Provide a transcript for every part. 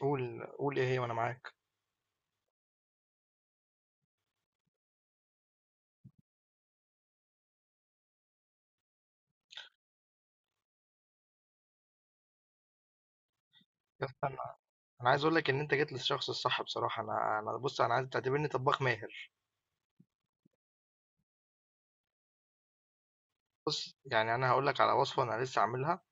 قول قول إيه هي وأنا معاك. يا اسطى أنا عايز أقول لك إن أنت جيت للشخص الصح بصراحة. أنا أنا بُص، أنا عايزك تعتبرني طبّاخ ماهر. بُص، يعني أنا هاقول لك على وصفة أنا لسه عاملها.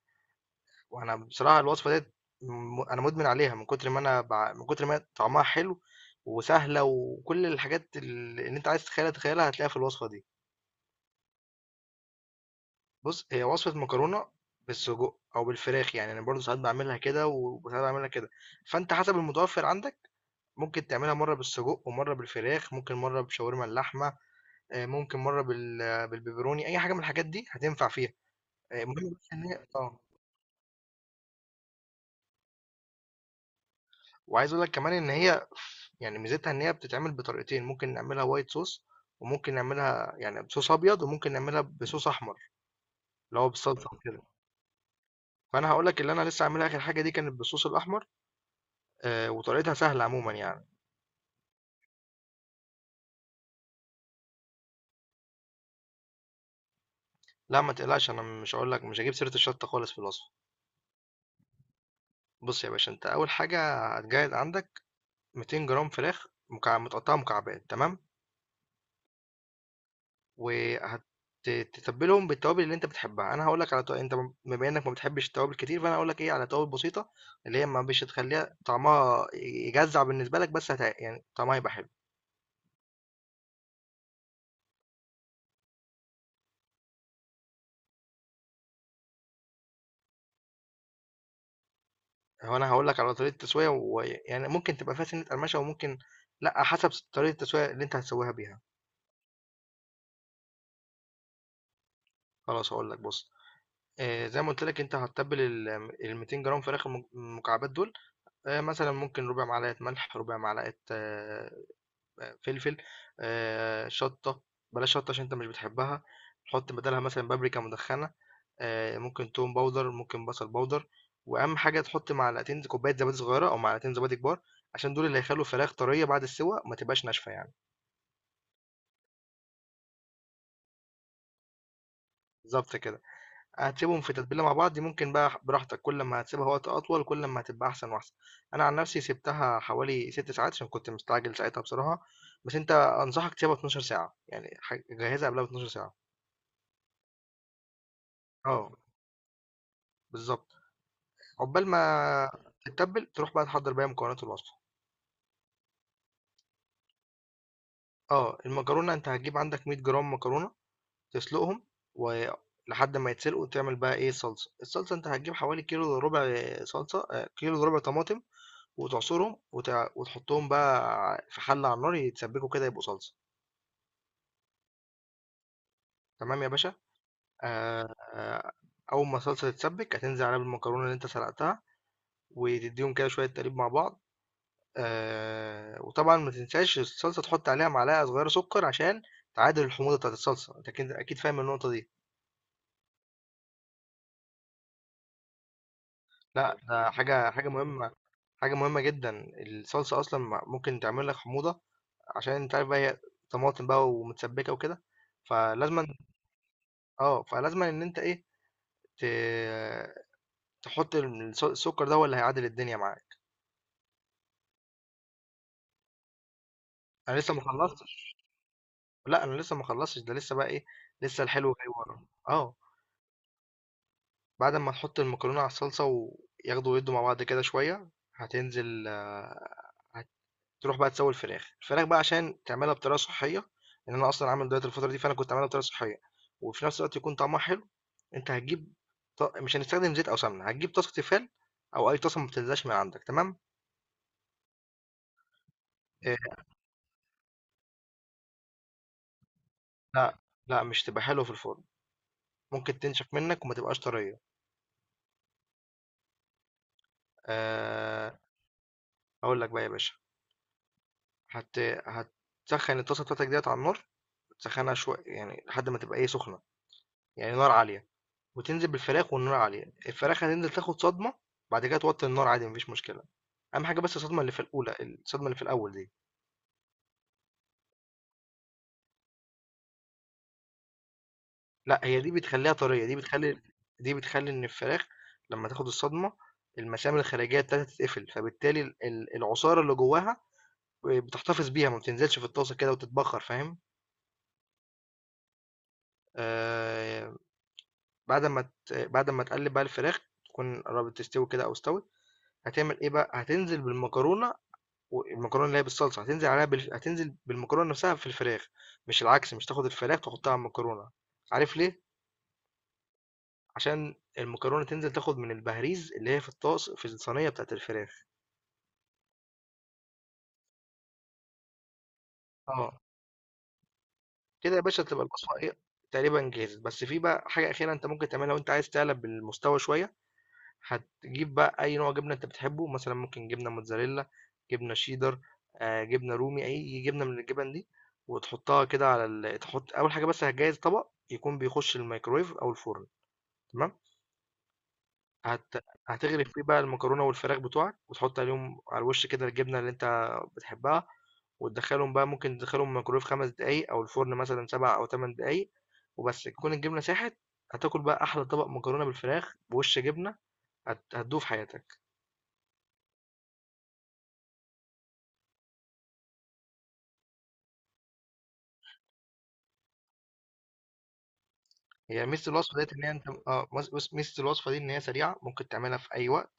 وأنا بصراحة الوصفة ديّة، أنا مُدمن عليها من كتر ما أنا باع، من كتر ما هي طعمها حلو وسهلة. وكل الحاجات اللي أنت عايز تتخيلها تتخيلها هتلاقيها في الوصفة دي. بُص، هي وصفة مكرونة بالسجق أو بالفراخ، يعني أنا برضه ساعات باعملها كده وساعات باعملها كده. فأنت حسب المتوفّر عندك ممكن تعملها مرّة بالسجق ومرّة بالفراخ، ممكن مرّة بشاورما اللحمة، ممكن مرّة بالبيبروني. أي حاجة من الحاجات دي هتنفع فيها. المهم بس إن هي، وعايز أقول لك كمان إن هي يعني ميزتها إن هي بتتعمل بطريقتين. ممكن نعملها white sauce وممكن نعملها يعني بصوص أبيض، وممكن نعملها بصوص أحمر، اللي هو بالصلصة وكده. فأنا هاقول لك اللي أنا لسه عاملها. آخر حاجة دي كانت بالصوص الأحمر. وطريقتها سهلة عمومًا يعني. لأ، ما تقلقش. أنا مش هاقول لك، مش هاجيب سيرة الشطة خالص في الوصفة. بُص يا باشا، أنت أول حاجة هتجهز عندك 200 جرام فراخ، متقطعة مكعبات، تمام؟ وهتتبلهم بالتوابل اللي انت بتحبها. انا هقول لك على تو... انت م- بما انك ما بتحبش التوابل كتير، فانا هقول لك على توابل بسيطه اللي هي ما مش هتخليها طعمها يجزع بالنسبه لك، بس يعني طعمها يبقى حلو. هو انا هقول لك على طريقه التسويه، ويعني ممكن تبقى فيها سنه قرمشه وممكن لا، حسب طريقه التسويه اللي انت هتسويها بيها. خلاص، هقول لك. بص، زي ما قلت لك، انت هتتبل ال 200 جرام فراخ المكعبات دول. مثلا ممكن ربع معلقه ملح، ربع معلقه فلفل، شطة. بلاش شطة عشان انت مش بتحبها. حط بدلها مثلا بابريكا مدخنة. ممكن توم باودر، ممكن بصل باودر. واهم حاجة تحط معلقتين كوباية زبادي صغيرة او معلقتين زبادي كبار، عشان دول اللي هيخلوا الفراخ طرية بعد السوى، ما تبقاش ناشفة يعني. بالظبط كده. هتسيبهم في تتبيلة مع بعض. ممكن بقى براحتك، كل ما هتسيبها وقت اطول كل ما هتبقى احسن واحسن. انا عن نفسي سبتها حوالي 6 ساعات عشان كنت مستعجل ساعتها بصراحة، بس انت انصحك تسيبها 12 ساعة، يعني جهزها قبلها ب 12 ساعة. اه، بالظبط. عقبال ما تتبل تروح بقى تحضر بقى مكونات الوصفة. اه، المكرونة. انت هتجيب عندك 100 جرام مكرونة، تسلقهم ولحد ما يتسلقوا تعمل بقى صلصة. الصلصة انت هتجيب حوالي كيلو الا ربع صلصة آه، كيلو الا ربع طماطم، وتعصرهم وتحطهم بقى في حلة على النار يتسبكوا كده يبقوا صلصة. تمام يا باشا. آه آه، اول ما الصلصة تتسبك هتنزل عليها بالمكرونة اللي انت سلقتها، وتديهم كده شوية تقليب مع بعض. وطبعًا ما تنساش الصلصة تحُط عليها معلقة صغيرة سُكّر، عشان تعادل الحموضة بتاعة الصلصة، أنت أكيد أكيد فاهم النقطة دي. لأ، ده حاجة مهمة، حاجة مهمة جدًا. الصلصة أصلًا ممكن تعمل لك حموضة، عشان أنت عارف بقى هي طماطم بقى ومتسبِّكة وكده. فلازمًا فلازمًا إن أنت، ت تحُط ال الس السُكّر ده هو اللي هيعادل الدنيا معاك. أنا لسه ما خلّصتش. لأ، أنا لسه ما خلّصتش. ده لسه بقى، لسه الحلو جاي ورانا. آه. بعد ما نحط المكرونة على الصلصة وياخدوا ويدوا مع بعض كده شوية. هتنزل آه، هتروح بقى تسوي الفراخ بقى، عشان تعملها بطريقة صحية. لأن أنا أصلا عامل دايت الفترة دي، فأنا كنت عاملها بطريقة صحية وفي نفس الوقت يكون طعمها حلو. أنت هتجيب، مش هنستخدم زيت أو سمنة. هتجيب طاسة تيفال أو أي طاسة ما بتنزلش من عندك، تمام. آه، لا، لا مش تبقى حلوة في الفرن، ممكن تنشف منك وما تبقاش طرية. أه. هقول لك بقى يا باشا. هت هتسخن الطاسة بتاعتك ديت على النار. تسخنها شوية، يعني لحد ما تبقى سخنة، يعني نار عالية، وتنزل بالفراخ. والنار عالية الفراخ هتنزل تاخد صدمة. بعد كده توطي النار عادي، مفيش مشكلة. أهم حاجة بس الصدمة اللي في الأولى. الصدمة اللي في الأول دي، لا، هي دي بتخليها طرية. دي بتخلي إن الفراخ لما تاخد الصدمة، المسام الخارجية بتاعتها تتقفل، فبالتالي العصارة اللي جواها بتحتفظ بيها، ما بتنزلش في الطاسة كده وتتبخر. فاهم؟ آه بعد ما تقلب بقى الفراخ تكون قربت تستوي كده أو استوت، هتعمل إيه بقى. هتنزل بالمكرونة. والمكرونة اللي هي بالصلصة هتنزل بالمكرونة نفسها في الفراخ، مش العكس. مش تاخد الفراخ تحطها على المكرونة. عارف ليه؟ عشان المكرونة تنزل تاخد من البهريز، اللي هي في الطاس، في الصينية بتاعت الفراخ. اه، كده يا باشا تبقى الوصفة تقريبا جاهزة، بس في بقى حاجة أخيرة أنت ممكن تعملها لو أنت عايز تعلى بالمستوى شوية. هتجيب بقى أي نوع جبنة أنت بتحبه، مثلًا ممكن جبنة موتزاريلا، جبنة شيدر، جبنة رومي، أي جبنة من الجبن دي، وتحطها كده على ال تحط أول حاجة، بس هتجهّز طبق يكون بيخش الميكروويف أو الفرن، تمام. هت هتغرف فيه بقى المكرونة والفراخ بتوعك، وتحط عليهم على الوش كده الجبنة اللي أنت بتحبها، وتدخّلهم بقى، ممكن تدخّلهم الميكروويف 5 دقايق أو الفرن مثلًا 7 أو 8 دقايق، وبس تكون الجبنة ساحت. هتاكل بقى أحلى طبق مكرونة بالفراخ بوِش جبنة هتدوه في حياتك. هي ميزة الوصفة ديت إن هي بُص، ميزة الوصفة دي إن هي سريعة، ممكن تعملها في أي وقت،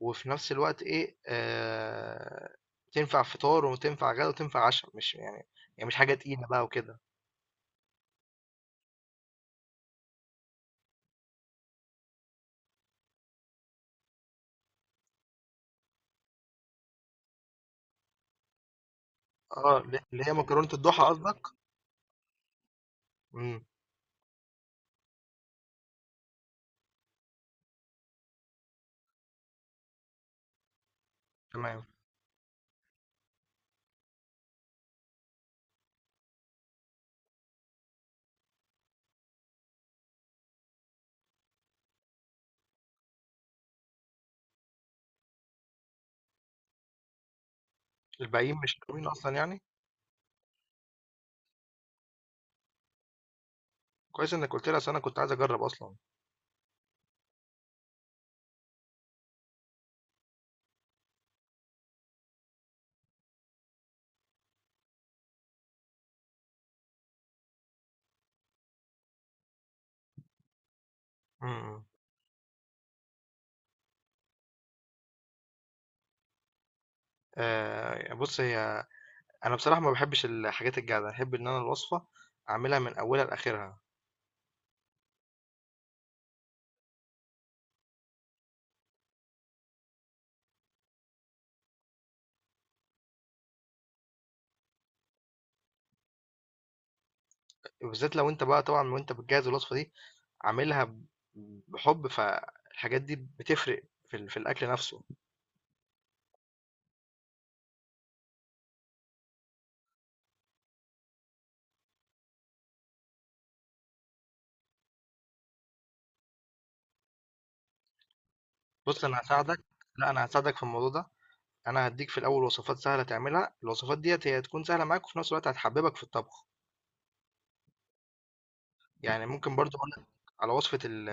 وفي نفس الوقت، إيه تنفع فطار وتنفع غدا وتنفع عشا. مش يعني مش حاجة تقيلة بقى وكده. آه، اللي هي مكرونة الضحى قصدك؟ إمم، تمام. الباقيين مش ناويين أصلًا يعني؟ كويس إنك قُلت لي، أصل أنا كنت عايز أجرّب أصلًا. إمم. إمم. بُص، أنا بصراحة ما باحبش الحاجات الجاهزة، أحب إن أنا الوصفة أعملها من أولها لآخرها. وبالذات لو أنت بقى طبعًا وأنت بتجهّز الوصفة دي عاملها بحب، فالحاجات دي بتفرق في الاكل نفسه. بص، انا هساعدك. لا، انا هساعدك في الموضوع ده. انا هديك في الاول وصفات سهله تعملها، الوصفات ديت هي هتكون سهله معاك وفي نفس الوقت هتحببك في الطبخ. يعني ممكن برضو اقول لك على وصفه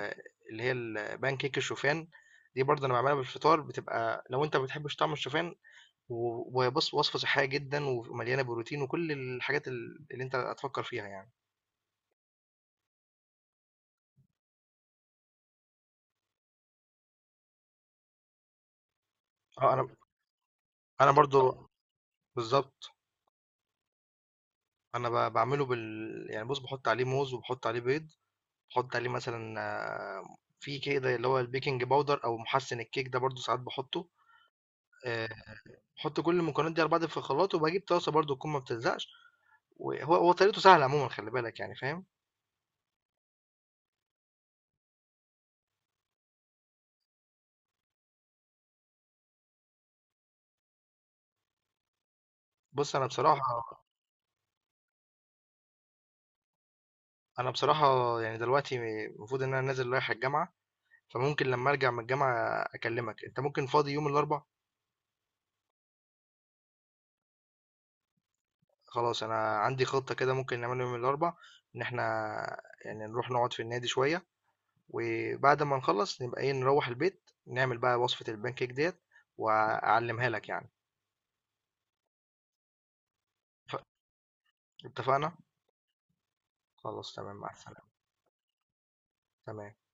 اللي هي البان كيك الشوفان. دي برضه انا بعملها بالفطار، بتبقى لو انت ما بتحبش طعم الشوفان. وبص، وصفه صحيه جدا ومليانه بروتين وكل الحاجات اللي انت هتفكر فيها يعني. اه، انا برضه بالظبط. أنا باعمله يعني، بُص، باحُط عليه موز وباحُط عليه بيض، باحُط عليه مثلًا في كده اللي هو الBaking powder أو مُحسِّن الكيك ده، برضه ساعات باحُطّه. آآ باحُط كل المكونات دي على بعض في الخلاط، وباجيب طاسة برضه تكون ما بتلزقش. وهو طريقته سهلة عمومًا، خلّي بالك يعني فاهم. بُص، أنا بصراحة يعني دلوقتي المفروض إن أنا نازل رايح الجامعة، فممكن لمّا أرجع من الجامعة أكلّمك. أنت ممكن فاضي يوم الأربع؟ خلاص، أنا عندي خطة كده ممكن نعملها يوم الأربع. إن إحنا يعني نروح نقعد في النادي شوية، وبعد ما نخلص نبقى نروح البيت نعمل بقى وصفة البانكيك ديت، واعلمها لك يعني. اتفقنا. خلاص تمام، مع السلامة. تمام.